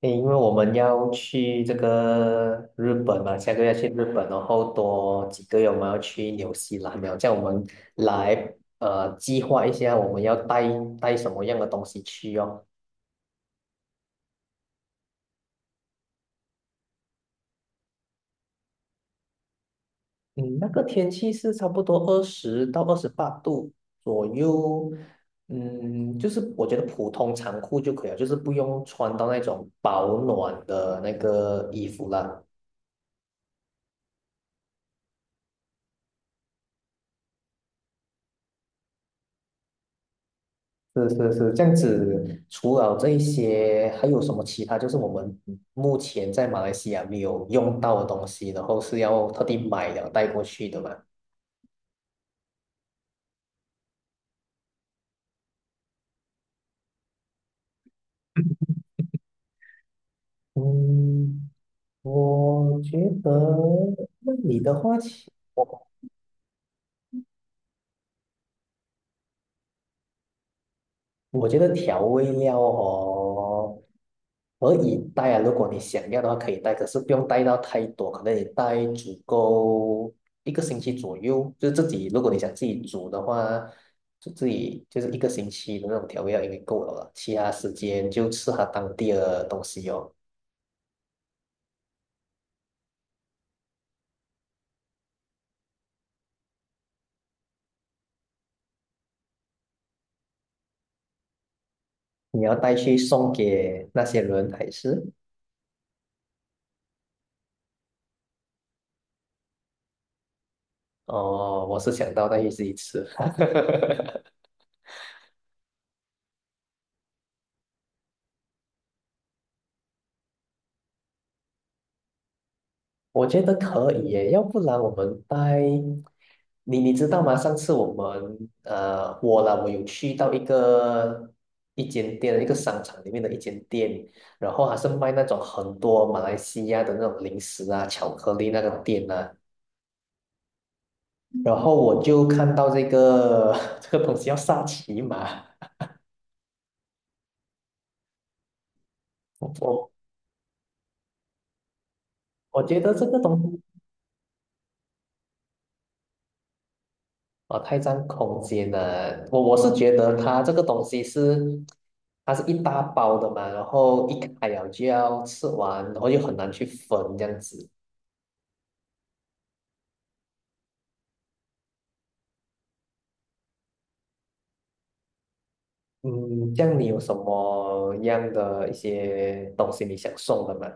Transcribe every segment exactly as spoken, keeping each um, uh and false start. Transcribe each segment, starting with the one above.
诶因为我们要去这个日本嘛，下个月去日本，然后多几个月我们要去纽西兰了，这样我们来呃计划一下我们要带带什么样的东西去哦。嗯，那个天气是差不多二十到二十八度左右，嗯，就是我觉得普通长裤就可以了，就是不用穿到那种保暖的那个衣服啦。是是是，这样子。除了这一些，还有什么其他？就是我们目前在马来西亚没有用到的东西，然后是要特地买了带过去的嘛？嗯，我觉得那你的话，我。我觉得调味料哦，可以带啊，如果你想要的话可以带，可是不用带到太多，可能你带足够一个星期左右，就是自己，如果你想自己煮的话，就自己就是一个星期的那种调味料应该够了啦，其他时间就吃它当地的东西哦。你要带去送给那些人还是？哦，我是想到带去自己吃。我觉得可以耶，要不然我们带你，你知道吗？上次我们呃，我啦，我有去到一个一间店，一个商场里面的一间店，然后还是卖那种很多马来西亚的那种零食啊、巧克力那种店啊，然后我就看到这个 这个东西叫杀琪玛，我我觉得这个东西。哦，太占空间了。我我是觉得它这个东西是，它是一大包的嘛，然后一开了就要吃完，然后又很难去分这样子。嗯，这样你有什么样的一些东西你想送的吗？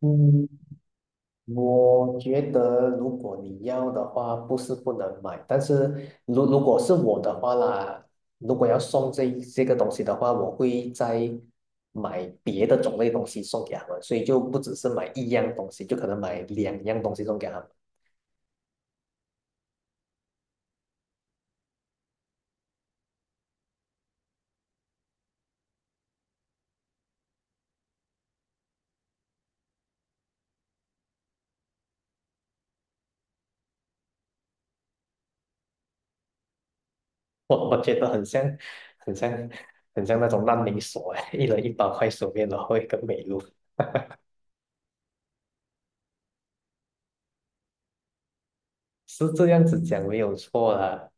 嗯我觉得，如果你要的话，不是不能买，但是如如果是我的话啦，如果要送这这个东西的话，我会再买别的种类东西送给他们，所以就不只是买一样东西，就可能买两样东西送给他们。我我觉得很像，很像，很像那种烂泥所哎，一人一包快手面，然后一个美露，是这样子讲没有错啦。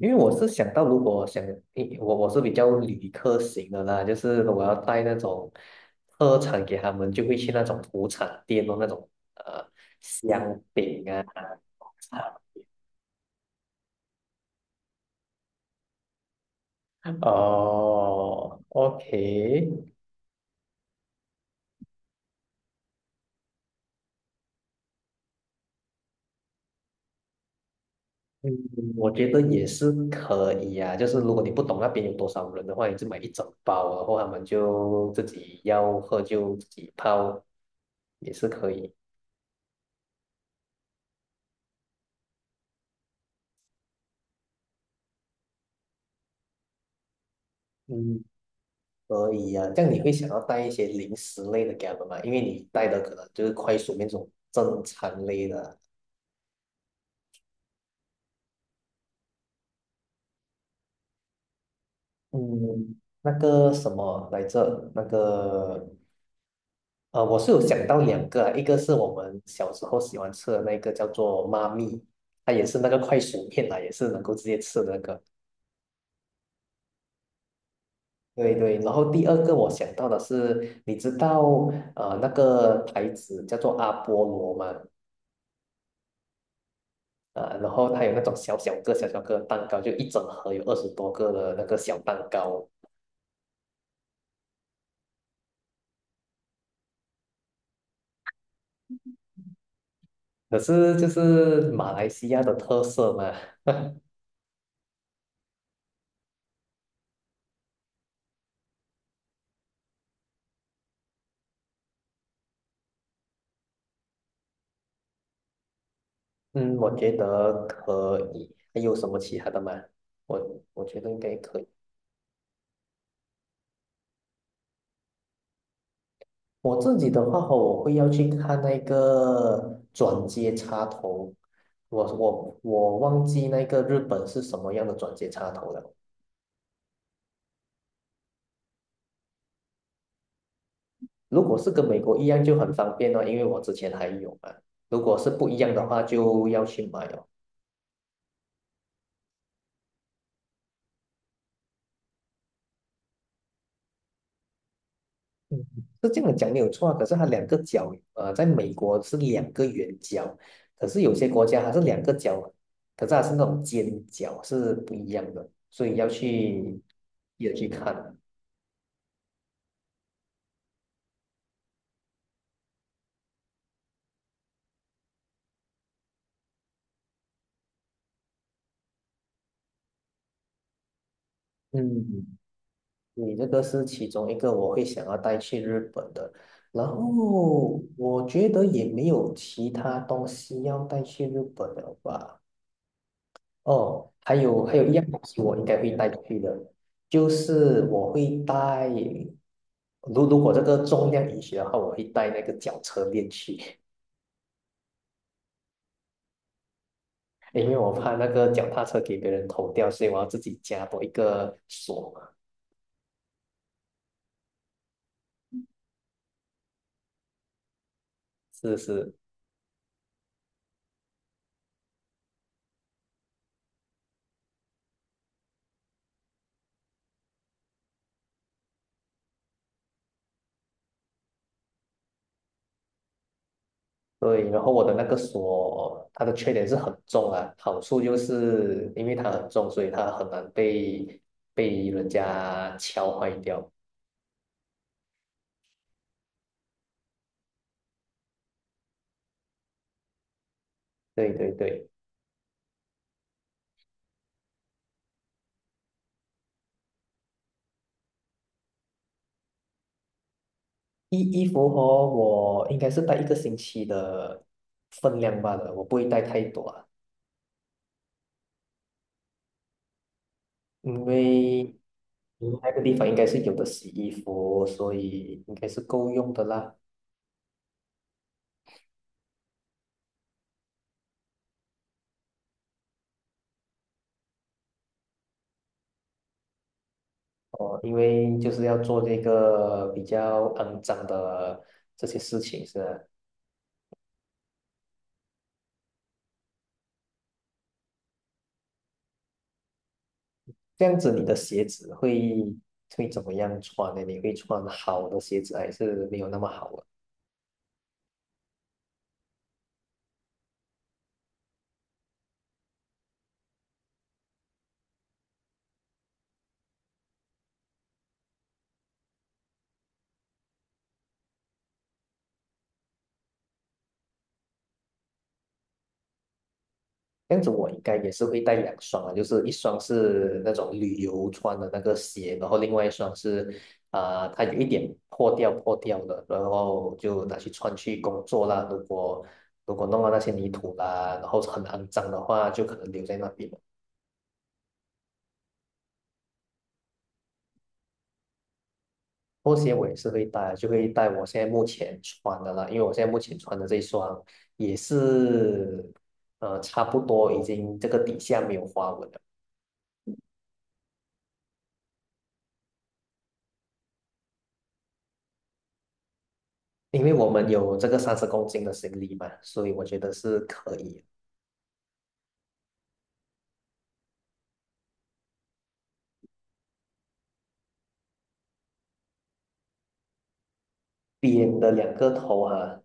因为我是想到，如果想，诶我我是比较旅客型的啦，就是我要带那种特产给他们，就会去那种土产店哦，那种呃香饼啊。哦，OK,嗯，我觉得也是可以啊。就是如果你不懂那边有多少人的话，你就买一整包啊，然后他们就自己要喝就自己泡，也是可以。嗯，可以呀、啊这样你会想要带一些零食类的给他们吗？因为你带的可能就是快速面这种正餐类的。嗯，那个什么来着？那个呃，我是有想到两个啊，一个是我们小时候喜欢吃的那个叫做妈咪，它也是那个快熟面啦，也是能够直接吃的那个。对对，然后第二个我想到的是，你知道呃那个牌子叫做阿波罗吗？啊，然后它有那种小小个、小小个的蛋糕，就一整盒有二十多个的那个小蛋糕。可是就是马来西亚的特色嘛，嗯，我觉得可以。还有什么其他的吗？我我觉得应该可以。我自己的话哦我会要去看那个转接插头。我我我忘记那个日本是什么样的转接插头了。如果是跟美国一样就很方便哦，因为我之前还有嘛。如果是不一样的话，就要去买哦。嗯，是这样讲没有错啊，可是它两个角，呃，在美国是两个圆角，可是有些国家它是两个角，可是它是那种尖角，是不一样的，所以要去也去看。嗯，你这个是其中一个我会想要带去日本的，然后我觉得也没有其他东西要带去日本了吧。哦，还有还有一样东西我应该会带出去的，就是我会带，如如果这个重量允许的话，我会带那个脚车链去，因为我怕那个脚踏车给别人偷掉，所以我要自己加多一个锁。是是，对。然后我的那个锁，它的缺点是很重啊，好处就是因为它很重，所以它很难被被人家敲坏掉。对对对。衣衣服和我应该是带一个星期的分量罢了，我不会带太多啊，因为那个地方应该是有的洗衣服，所以应该是够用的啦。哦，因为就是要做这个比较肮脏的这些事情，是吧。这样子，你的鞋子会会怎么样穿呢？你会穿好的鞋子还是没有那么好啊。这样子我应该也是会带两双啊，就是一双是那种旅游穿的那个鞋，然后另外一双是，啊、它有一点破掉破掉的，然后就拿去穿去工作啦。如果如果弄到那些泥土啦，然后很肮脏的话，就可能留在那边了。拖鞋我也是会带，就会带我现在目前穿的啦，因为我现在目前穿的这一双也是，呃，差不多已经这个底下没有花纹了。因为我们有这个三十公斤的行李嘛，所以我觉得是可以。扁的两个头啊，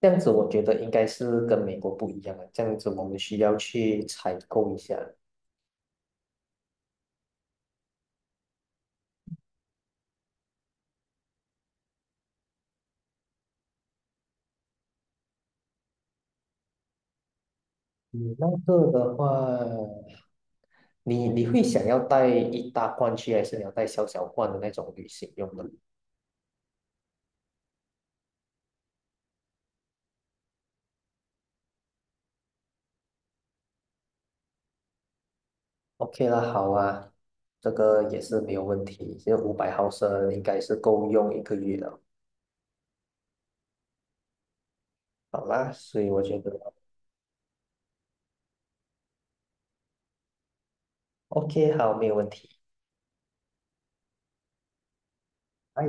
这样子我觉得应该是跟美国不一样啊，这样子我们需要去采购一下。你那个的话，你你会想要带一大罐去，还是你要带小小罐的那种旅行用的？OK 啦，好啊，这个也是没有问题，这五百毫升应该是够用一个月的，好啦，所以我觉得 OK,好，没有问题，拜。